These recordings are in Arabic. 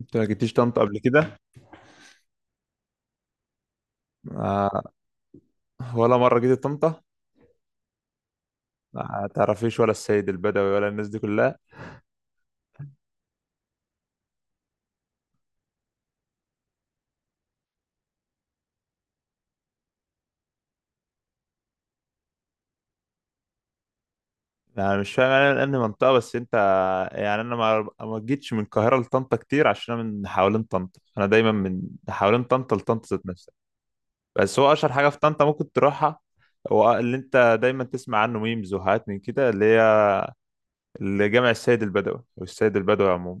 انت ما جيتيش طنطا قبل كده؟ آه، ولا مره جيت طنطا. آه، ما تعرفيش ولا السيد البدوي ولا الناس دي كلها؟ يعني مش فاهم انا، لان منطقه بس انت. يعني انا ما جيتش من القاهره لطنطا كتير عشان انا من حوالين طنطا، انا دايما من حوالين طنطا لطنطا ذات نفسها. بس هو اشهر حاجه في طنطا ممكن تروحها، هو اللي انت دايما تسمع عنه ميمز وحاجات من كده، اللي هي جامع السيد البدوي، او السيد البدوي عموما.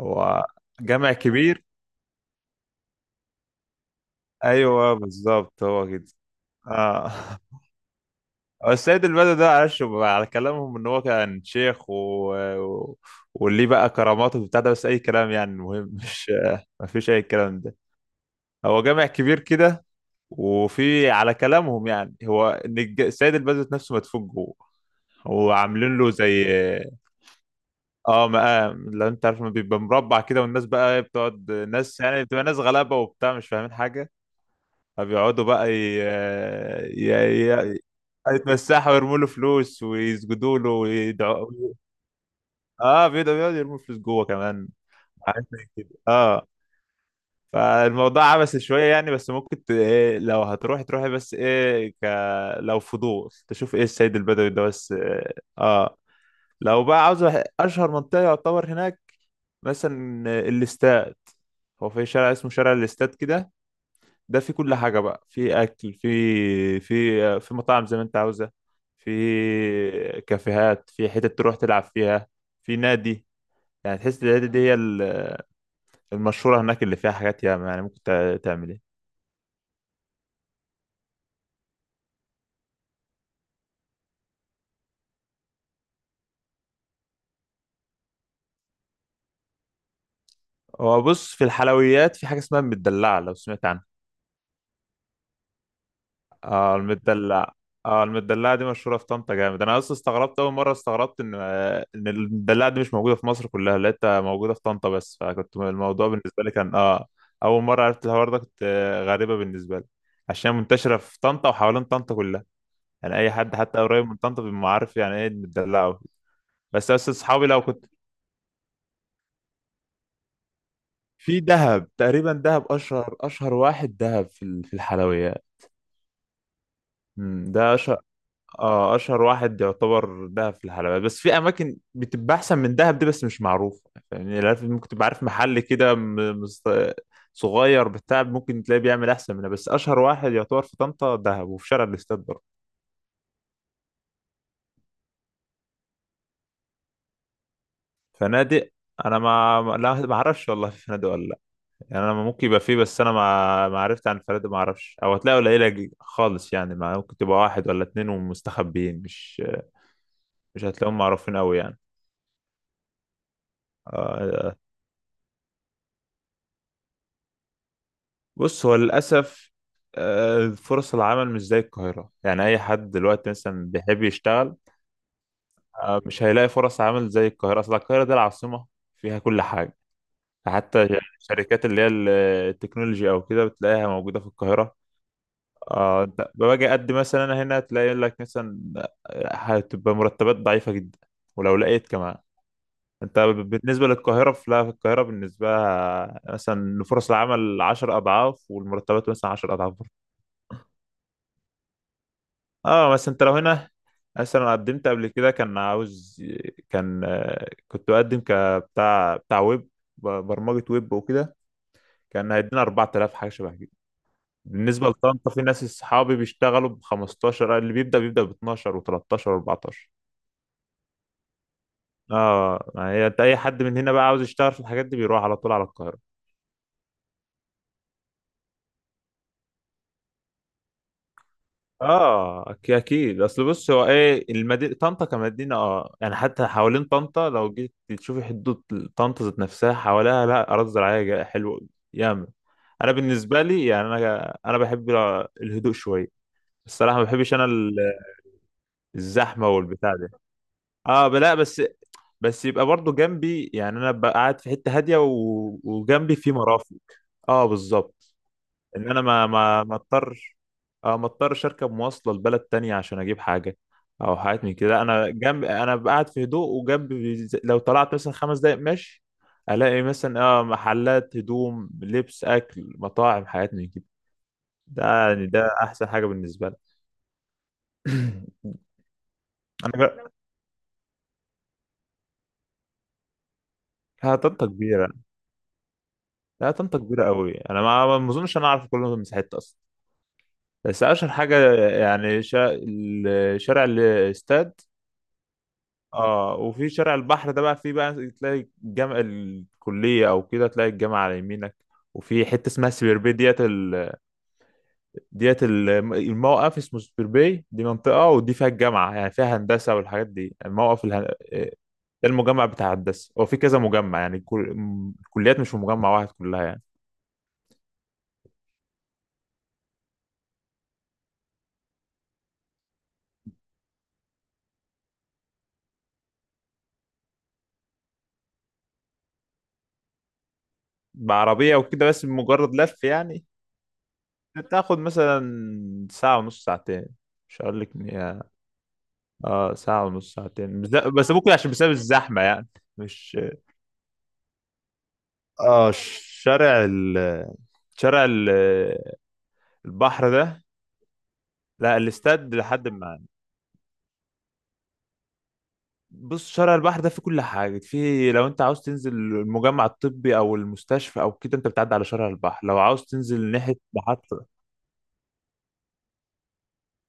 هو جامع كبير. ايوه بالظبط، هو كده. اه هو السيد البدوي ده، معلش بقى، على كلامهم ان هو كان شيخ و... واللي بقى كراماته وبتاع ده، بس اي كلام يعني المهم مش ما فيش اي كلام ده، هو جامع كبير كده. وفي على كلامهم يعني، هو ان السيد البدوي نفسه مدفون جوه، هو عاملين له زي اه مقام. لو انت عارف، ما بيبقى مربع كده، والناس بقى بتقعد، ناس يعني بتبقى ناس غلابه وبتاع مش فاهمين حاجه، فبيقعدوا بقى ي... ي... يتمسحوا ويرموا له فلوس ويسجدوا له ويدعوا. اه بيقعدوا، يرموا فلوس جوه كمان، حاجات زي كده اه. فالموضوع عبثي شويه يعني، بس ممكن ت... إيه لو هتروحي تروحي، بس ايه، لو فضول تشوف ايه السيد البدوي ده. بس. لو بقى عاوز اشهر منطقه يعتبر هناك، مثلا الاستاد. هو في شارع اسمه شارع الاستاد كده، ده في كل حاجة بقى، في أكل، في في مطاعم زي ما أنت عاوزة، في كافيهات، في حتت تروح تلعب فيها، في نادي. يعني تحس النادي دي هي المشهورة هناك، اللي فيها حاجات ياما يعني ممكن تعمل إيه. هو بص، في الحلويات في حاجة اسمها المدلعة، لو سمعت عنها. اه المدلع، اه المدلعة دي مشهورة في طنطا جامد. انا اصلا استغربت اول مرة، استغربت ان ان المدلعة دي مش موجودة في مصر كلها، لقيتها موجودة في طنطا بس، فكنت الموضوع بالنسبة لي كان اول مرة عرفت الحوار ده، كنت غريبة بالنسبة لي. عشان منتشرة في طنطا وحوالين طنطا كلها، يعني اي حد حتى قريب من طنطا بيبقى عارف يعني ايه المدلعة وكده. بس اصحابي لو كنت في دهب تقريبا. دهب اشهر، واحد دهب في في الحلويات. ده اه اشهر واحد يعتبر دهب في الحلويات، بس في اماكن بتبقى احسن من دهب دي بس مش معروفه. يعني عارف، ممكن تبقى عارف محل كده مست... صغير بتاع ممكن تلاقيه بيعمل احسن منها، بس اشهر واحد يعتبر في طنطا دهب، وفي شارع الاستاد برضه. فنادق، انا ما ما- لا ما اعرفش والله في فنادق ولا لا. يعني انا ممكن يبقى فيه، بس انا ما عرفت عن الفنادق، ما اعرفش، او هتلاقي قليله خالص يعني، ما ممكن تبقى واحد ولا اتنين ومستخبيين. مش هتلاقيهم معروفين قوي يعني. آه، بص هو للأسف فرص العمل مش زي القاهرة، يعني أي حد دلوقتي مثلا بيحب يشتغل مش هيلاقي فرص عمل زي القاهرة، أصل القاهرة دي العاصمة فيها كل حاجة. حتى الشركات اللي هي التكنولوجي أو كده بتلاقيها موجودة في القاهرة. أنت باجي أقدم مثلا أنا هنا، تلاقي يقول لك مثلا هتبقى مرتبات ضعيفة جدا، ولو لقيت كمان أنت بالنسبة للقاهرة فلا، في القاهرة بالنسبة لها مثلا فرص العمل عشر أضعاف، والمرتبات مثلا عشر أضعاف. اه بس انت لو هنا مثلا قدمت قبل كده كان عاوز، كان كنت بقدم بتاع ويب، برمجة ويب وكده، كان هيدينا 4000 حاجة شبه كده. بالنسبة لطنطا في ناس اصحابي بيشتغلوا ب 15، اللي بيبدأ ب 12 و13 و14. اه ما هي انت اي حد من هنا بقى عاوز يشتغل في الحاجات دي بيروح على طول على القاهرة. اه اكيد، اصل بص هو ايه، المدينه طنطا كمدينه يعني، حتى حوالين طنطا لو جيت تشوفي، حدود طنطا ذات نفسها حواليها لا اراضي زراعيه حلوه ياما. انا بالنسبه لي يعني، انا بحب الهدوء شويه، الصراحه ما بحبش انا الزحمه والبتاع ده. اه لا، بس بس يبقى برضو جنبي، يعني انا ببقى قاعد في حته هاديه وجنبي في مرافق. اه بالظبط، ان انا ما اضطرش. اه ما اضطرش اركب مواصله لبلد تانية عشان اجيب حاجه او حاجات من كده، انا جنب، انا قاعد في هدوء وجنب، لو طلعت مثلا 5 دقايق ماشي الاقي مثلا محلات هدوم، لبس، اكل، مطاعم، حاجات من كده، ده يعني ده احسن حاجه بالنسبه لي. انا جا... ها، طنطا كبيره. لا طنطا كبيره قوي، انا ما اظنش انا اعرف كل مساحتها اصلا، بس اشهر حاجه يعني شارع الاستاد. اه وفي شارع البحر ده بقى، فيه بقى تلاقي الجامع، الكلية او كده تلاقي الجامعة على يمينك. وفي حتة اسمها سبير باي الموقف اسمه سبير باي، دي منطقة، ودي فيها الجامعة، يعني فيها هندسة والحاجات دي، الموقف ده المجمع بتاع هندسة. هو في كذا مجمع، يعني الكليات مش في مجمع واحد كلها يعني. بعربية وكده بس مجرد لف يعني، بتاخد مثلا ساعة ونص، ساعتين، مش هقول لك. اه ساعة ونص ساعتين، بس بس ممكن عشان بسبب الزحمة يعني. مش اه شارع ال شارع ال- البحر ده، لا الاستاد لحد ما. بص، شارع البحر ده فيه كل حاجة، فيه لو انت عاوز تنزل المجمع الطبي او المستشفى او كده انت بتعدي على شارع البحر، لو عاوز تنزل ناحية محطة.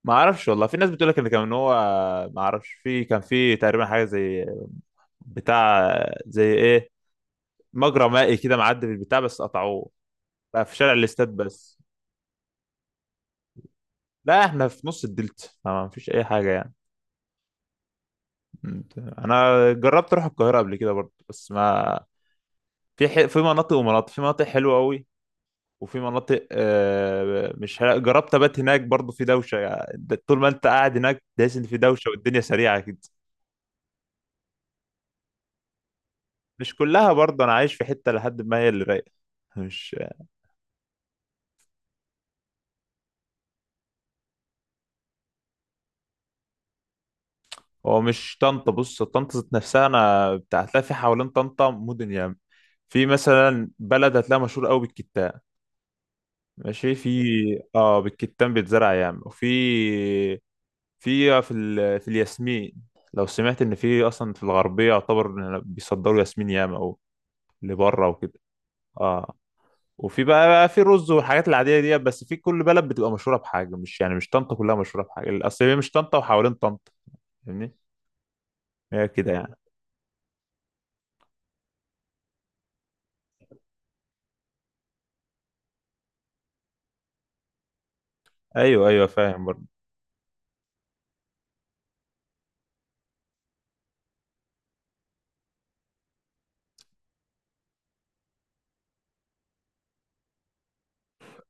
ما اعرفش والله، في ناس بتقول لك ان كان هو، ما اعرفش، في كان في تقريبا حاجة زي بتاع زي ايه، مجرى مائي كده معدي بالبتاع، بس قطعوه، بقى في شارع الاستاد بس. لا احنا في نص الدلتا، فما فيش اي حاجه يعني. انا جربت اروح القاهره قبل كده برضه، بس ما، في مناطق ومناطق، في مناطق حلوه قوي، وفي مناطق مش حلوة. جربت ابات هناك برضه، في دوشه يعني، طول ما انت قاعد هناك تحس ان في دوشه، والدنيا سريعه كده. مش كلها برضه، انا عايش في حته لحد ما هي اللي رايقه. مش هو مش طنطا، بص طنطا ذات نفسها انا بتاع، هتلاقي في حوالين طنطا مدن يعني، في مثلا بلد هتلاقيها مشهور قوي بالكتاب، ماشي، في اه بالكتان بيتزرع يعني، وفي في الياسمين، لو سمعت ان في اصلا في الغربيه يعتبر بيصدروا ياسمين ياما او لبره وكده. اه وفي بقى، في رز والحاجات العاديه دي، بس في كل بلد بتبقى مشهوره بحاجه، مش يعني مش طنطا كلها مشهوره بحاجه، اصل هي مش طنطا وحوالين طنطا، فاهمني؟ هي كده يعني. ايوه ايوه فاهم برضه.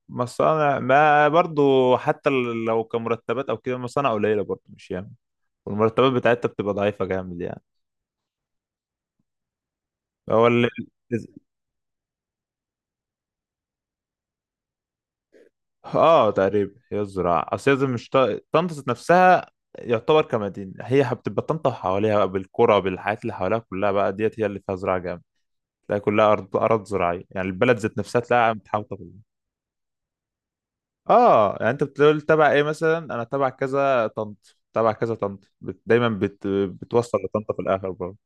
مصانع، ما برضه حتى لو كمرتبات او كده مصانع قليله برضه مش ياما، والمرتبات بتاعتها بتبقى ضعيفه جامد يعني. هو ال... اه تقريبا هي الزراعة، اصل هي زي مش طنطا ذات نفسها يعتبر كمدينة، هي بتبقى طنطا وحواليها بقى بالقرى بالحاجات اللي حواليها كلها بقى ديت هي اللي فيها زراعة جامد، تلاقي كلها أرض أرض زراعية يعني، البلد ذات نفسها تلاقيها متحوطة بال. اه يعني، انت بتقول تبع ايه، مثلا انا تبع كذا طنط تبع كذا طنط دايما بتوصل لطنطا في الاخر برضه.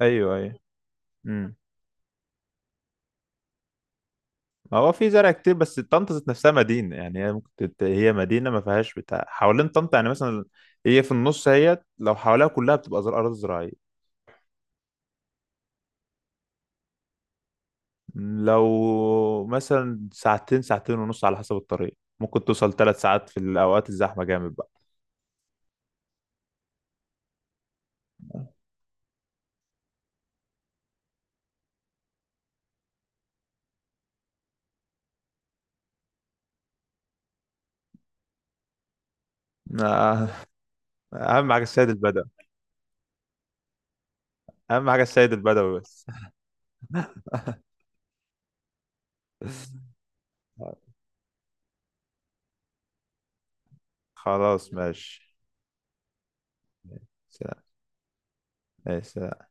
ايوه ايوه، هو في زرع كتير، بس طنطا ذات نفسها مدينة يعني، هي ممكن هي مدينة ما فيهاش بتاع، حوالين طنطا يعني مثلا هي في النص، هي لو حواليها كلها بتبقى أراضي زراعية. لو مثلا ساعتين، ساعتين ونص، على حسب الطريق ممكن توصل 3 ساعات في الأوقات الزحمة جامد بقى. آه، أهم حاجة السيد البدوي، أهم حاجة السيد البدوي بس. خلاص ماشي. سلام. ماشي.